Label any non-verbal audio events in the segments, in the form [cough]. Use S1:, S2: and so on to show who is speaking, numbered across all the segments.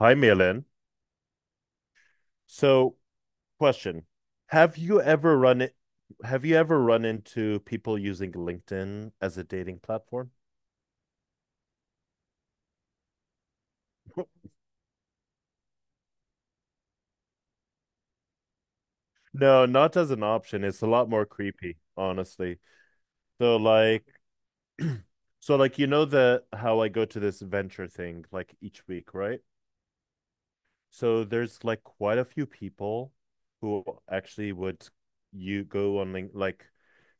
S1: Hi, Milan. So, question. Have you ever run it, have you ever run into people using LinkedIn as a dating platform? [laughs] No, not as an option. It's a lot more creepy, honestly. So like so like, you know the how I go to this venture thing like each week, right? So there's like quite a few people who actually would you go on Link like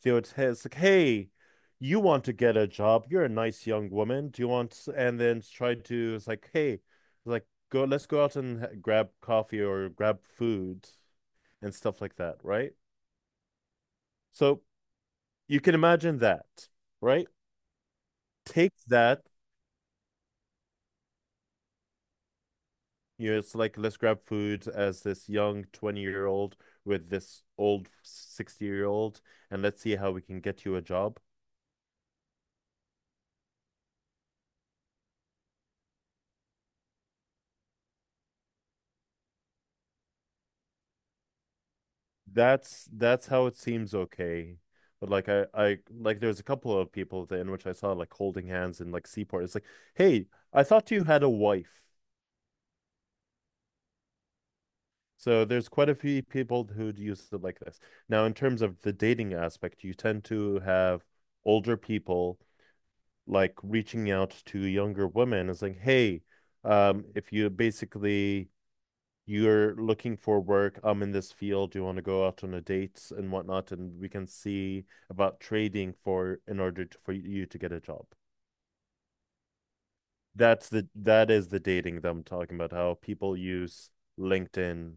S1: they would say it's like, hey, you want to get a job? You're a nice young woman. Do you want? And then try to it's like, hey, let's go out and grab coffee or grab food and stuff like that, right? So you can imagine that, right? Take that. It's like let's grab food as this young 20-year-old with this old 60-year-old and let's see how we can get you a job. That's how it seems okay. But like I like there's a couple of people at the end which I saw like holding hands in like Seaport. It's like, hey, I thought you had a wife. So there's quite a few people who'd use it like this. Now, in terms of the dating aspect, you tend to have older people like reaching out to younger women is like, hey, if you basically you're looking for work, I'm in this field, do you want to go out on a date and whatnot, and we can see about trading for in order to, for you to get a job. That is the dating that I'm talking about, how people use LinkedIn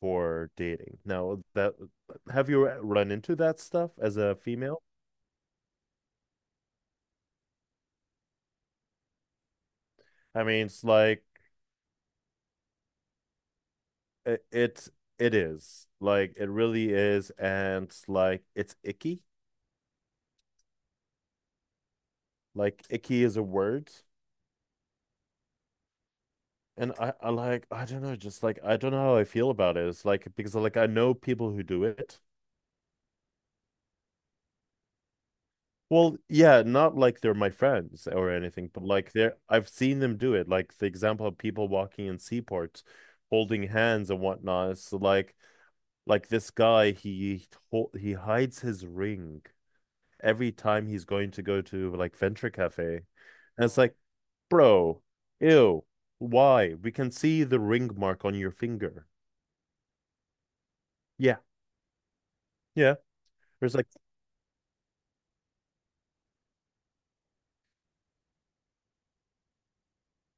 S1: for dating. Now that have you run into that stuff as a female? I mean, it's like it, it it really is, and it's like it's icky. Like icky is a word, and I like I don't know, just like I don't know how I feel about it. It's like because like I know people who do it. Well, yeah, not like they're my friends or anything, but like they're I've seen them do it. Like the example of people walking in seaports, holding hands and whatnot. So like this guy, he hides his ring every time he's going to go to like Venture Cafe. And it's like, bro, ew, why? We can see the ring mark on your finger. Yeah, yeah. There's like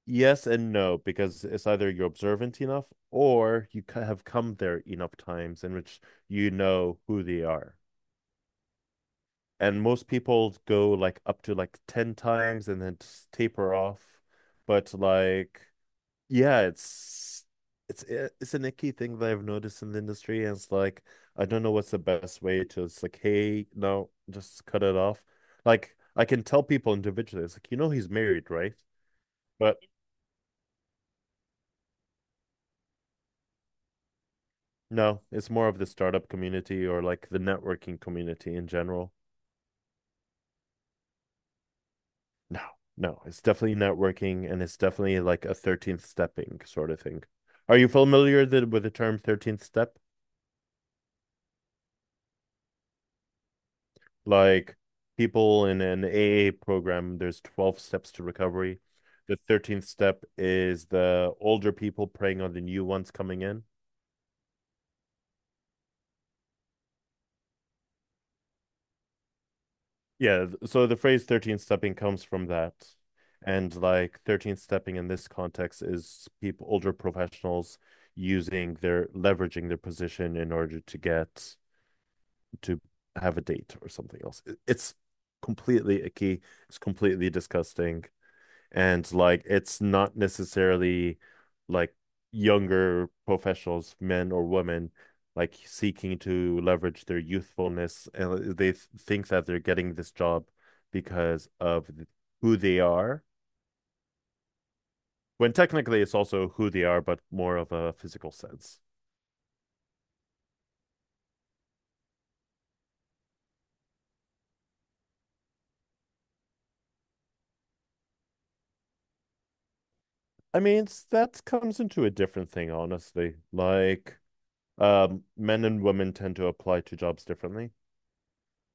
S1: yes and no because it's either you're observant enough or you have come there enough times in which you know who they are. And most people go like up to like 10 times and then just taper off. But like Yeah, it's an icky thing that I've noticed in the industry, and it's like I don't know what's the best way to. It's like, hey, no, just cut it off. Like I can tell people individually, it's like you know he's married, right? But no, it's more of the startup community or like the networking community in general. No, no, it's definitely networking, and it's definitely like a 13th stepping sort of thing. Are you familiar with the term 13th step? Like people in an AA program, there's 12 steps to recovery. The 13th step is the older people preying on the new ones coming in. Yeah, so the phrase 13th stepping comes from that. And like 13th stepping in this context is people, older professionals using their leveraging their position in order to get to have a date or something else. It's completely icky. It's completely disgusting. And like it's not necessarily like younger professionals, men or women, like seeking to leverage their youthfulness and they think that they're getting this job because of who they are, when technically it's also who they are, but more of a physical sense. I mean, it's, that comes into a different thing, honestly. Like, men and women tend to apply to jobs differently.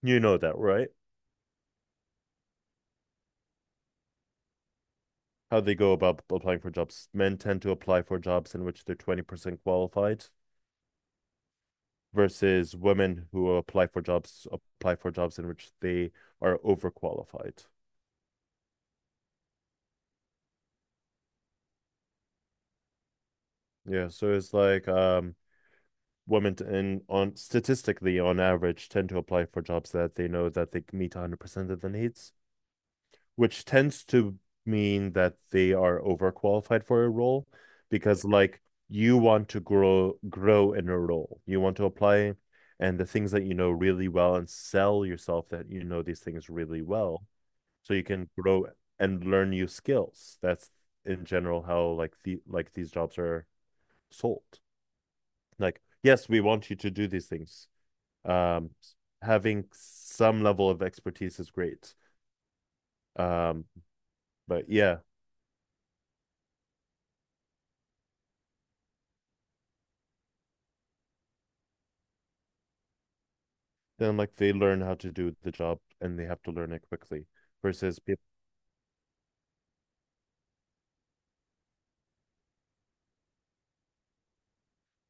S1: You know that, right? How they go about applying for jobs. Men tend to apply for jobs in which they're 20% qualified versus women who apply for jobs in which they are overqualified. Yeah, so it's like women and on statistically on average tend to apply for jobs that they know that they meet 100% of the needs, which tends to mean that they are overqualified for a role, because like you want to grow in a role. You want to apply and the things that you know really well and sell yourself that you know these things really well, so you can grow and learn new skills. That's in general how like the like these jobs are sold. Like, yes, we want you to do these things. Um having some level of expertise is great. Um but yeah, then like they learn how to do the job and they have to learn it quickly versus people.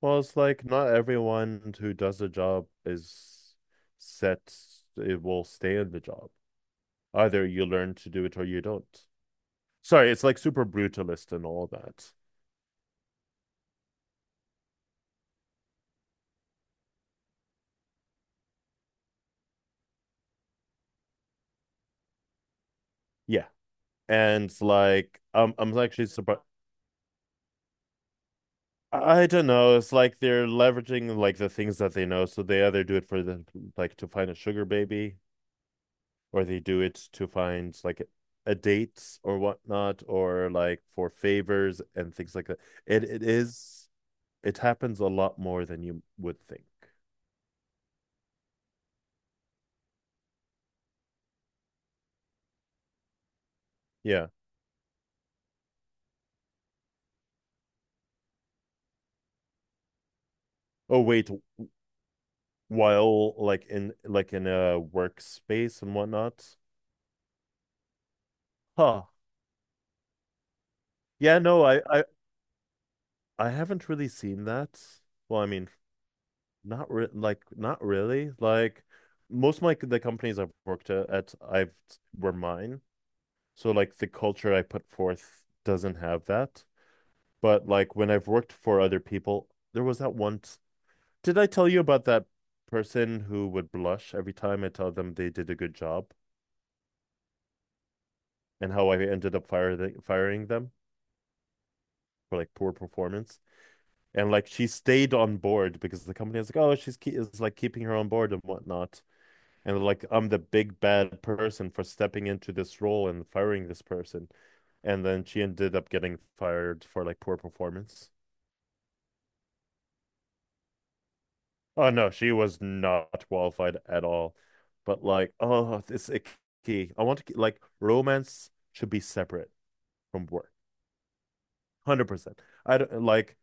S1: Well, it's like not everyone who does the job is set. It will stay in the job. Either you learn to do it or you don't. Sorry, it's like super brutalist and all that. Yeah, and like I'm actually surprised. I don't know. It's like they're leveraging like the things that they know. So they either do it for the, like, to find a sugar baby, or they do it to find like a date or whatnot, or like for favors and things like that. It it is it happens a lot more than you would think. Yeah. Oh wait, while like in a workspace and whatnot. Huh. Yeah. No, I haven't really seen that. Well, I mean, not re- like not really. Like most of my the companies I've worked at I've were mine. So like the culture I put forth doesn't have that. But like when I've worked for other people, there was that once. Did I tell you about that person who would blush every time I tell them they did a good job, and how I ended up firing them for like poor performance? And like she stayed on board because the company was like, oh, she's ke- is like keeping her on board and whatnot. And like I'm the big bad person for stepping into this role and firing this person. And then she ended up getting fired for like poor performance. Oh no, she was not qualified at all. But like, oh, it's icky. I want to ke- like romance should be separate from work, 100%. I don't like.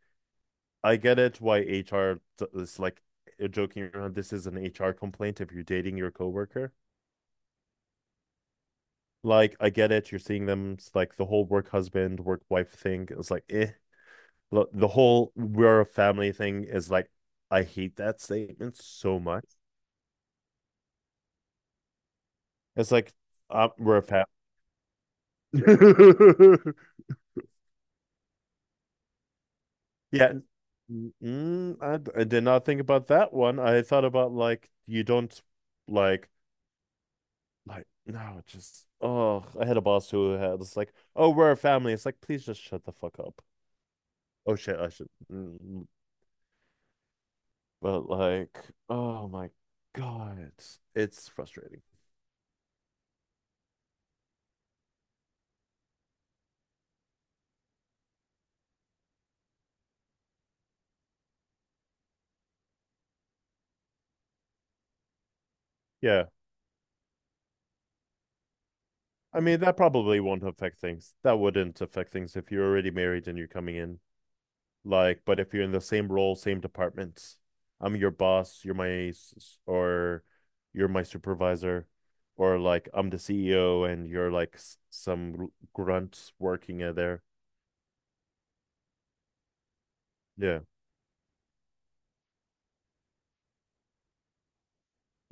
S1: I get it why HR is like, eh, joking around. This is an HR complaint if you're dating your coworker. Like, I get it. You're seeing them it's like the whole work husband, work wife thing. It's like, eh. The whole we're a family thing is like I hate that statement so much. It's like we're a family. [laughs] Yeah. Mm, I did not think about that one. I thought about like you don't like like no, just oh, I had a boss who had it's like, "Oh, we're a family." It's like, "Please just shut the fuck up." Oh shit, I should. Mm, but like, oh my God, it's frustrating. Yeah. I mean, that probably won't affect things. That wouldn't affect things if you're already married and you're coming in. Like, but if you're in the same role, same departments, I'm your boss, or you're my supervisor, or like I'm the CEO and you're like some grunts working at there. Yeah.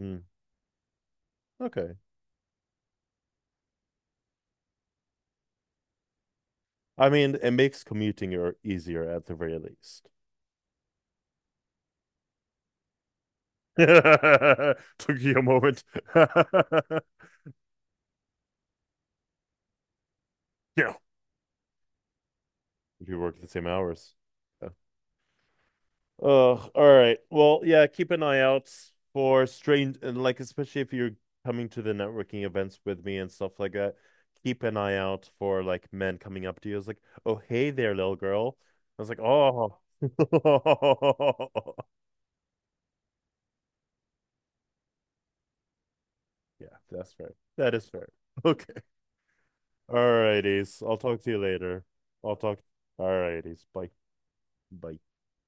S1: Mm. Okay. I mean, it makes commuting or easier at the very least. [laughs] Took you a moment. [laughs] Yeah. If you work the same hours. Yeah. Oh, all right. Well, yeah, keep an eye out for strange and like especially if you're coming to the networking events with me and stuff like that, keep an eye out for like men coming up to you. It's like, oh hey there, little girl. I was like, oh. [laughs] Yeah, that's fair. That is fair. [laughs] Okay. All righties. I'll talk to you later. I'll talk, all righties. Bye. Bye.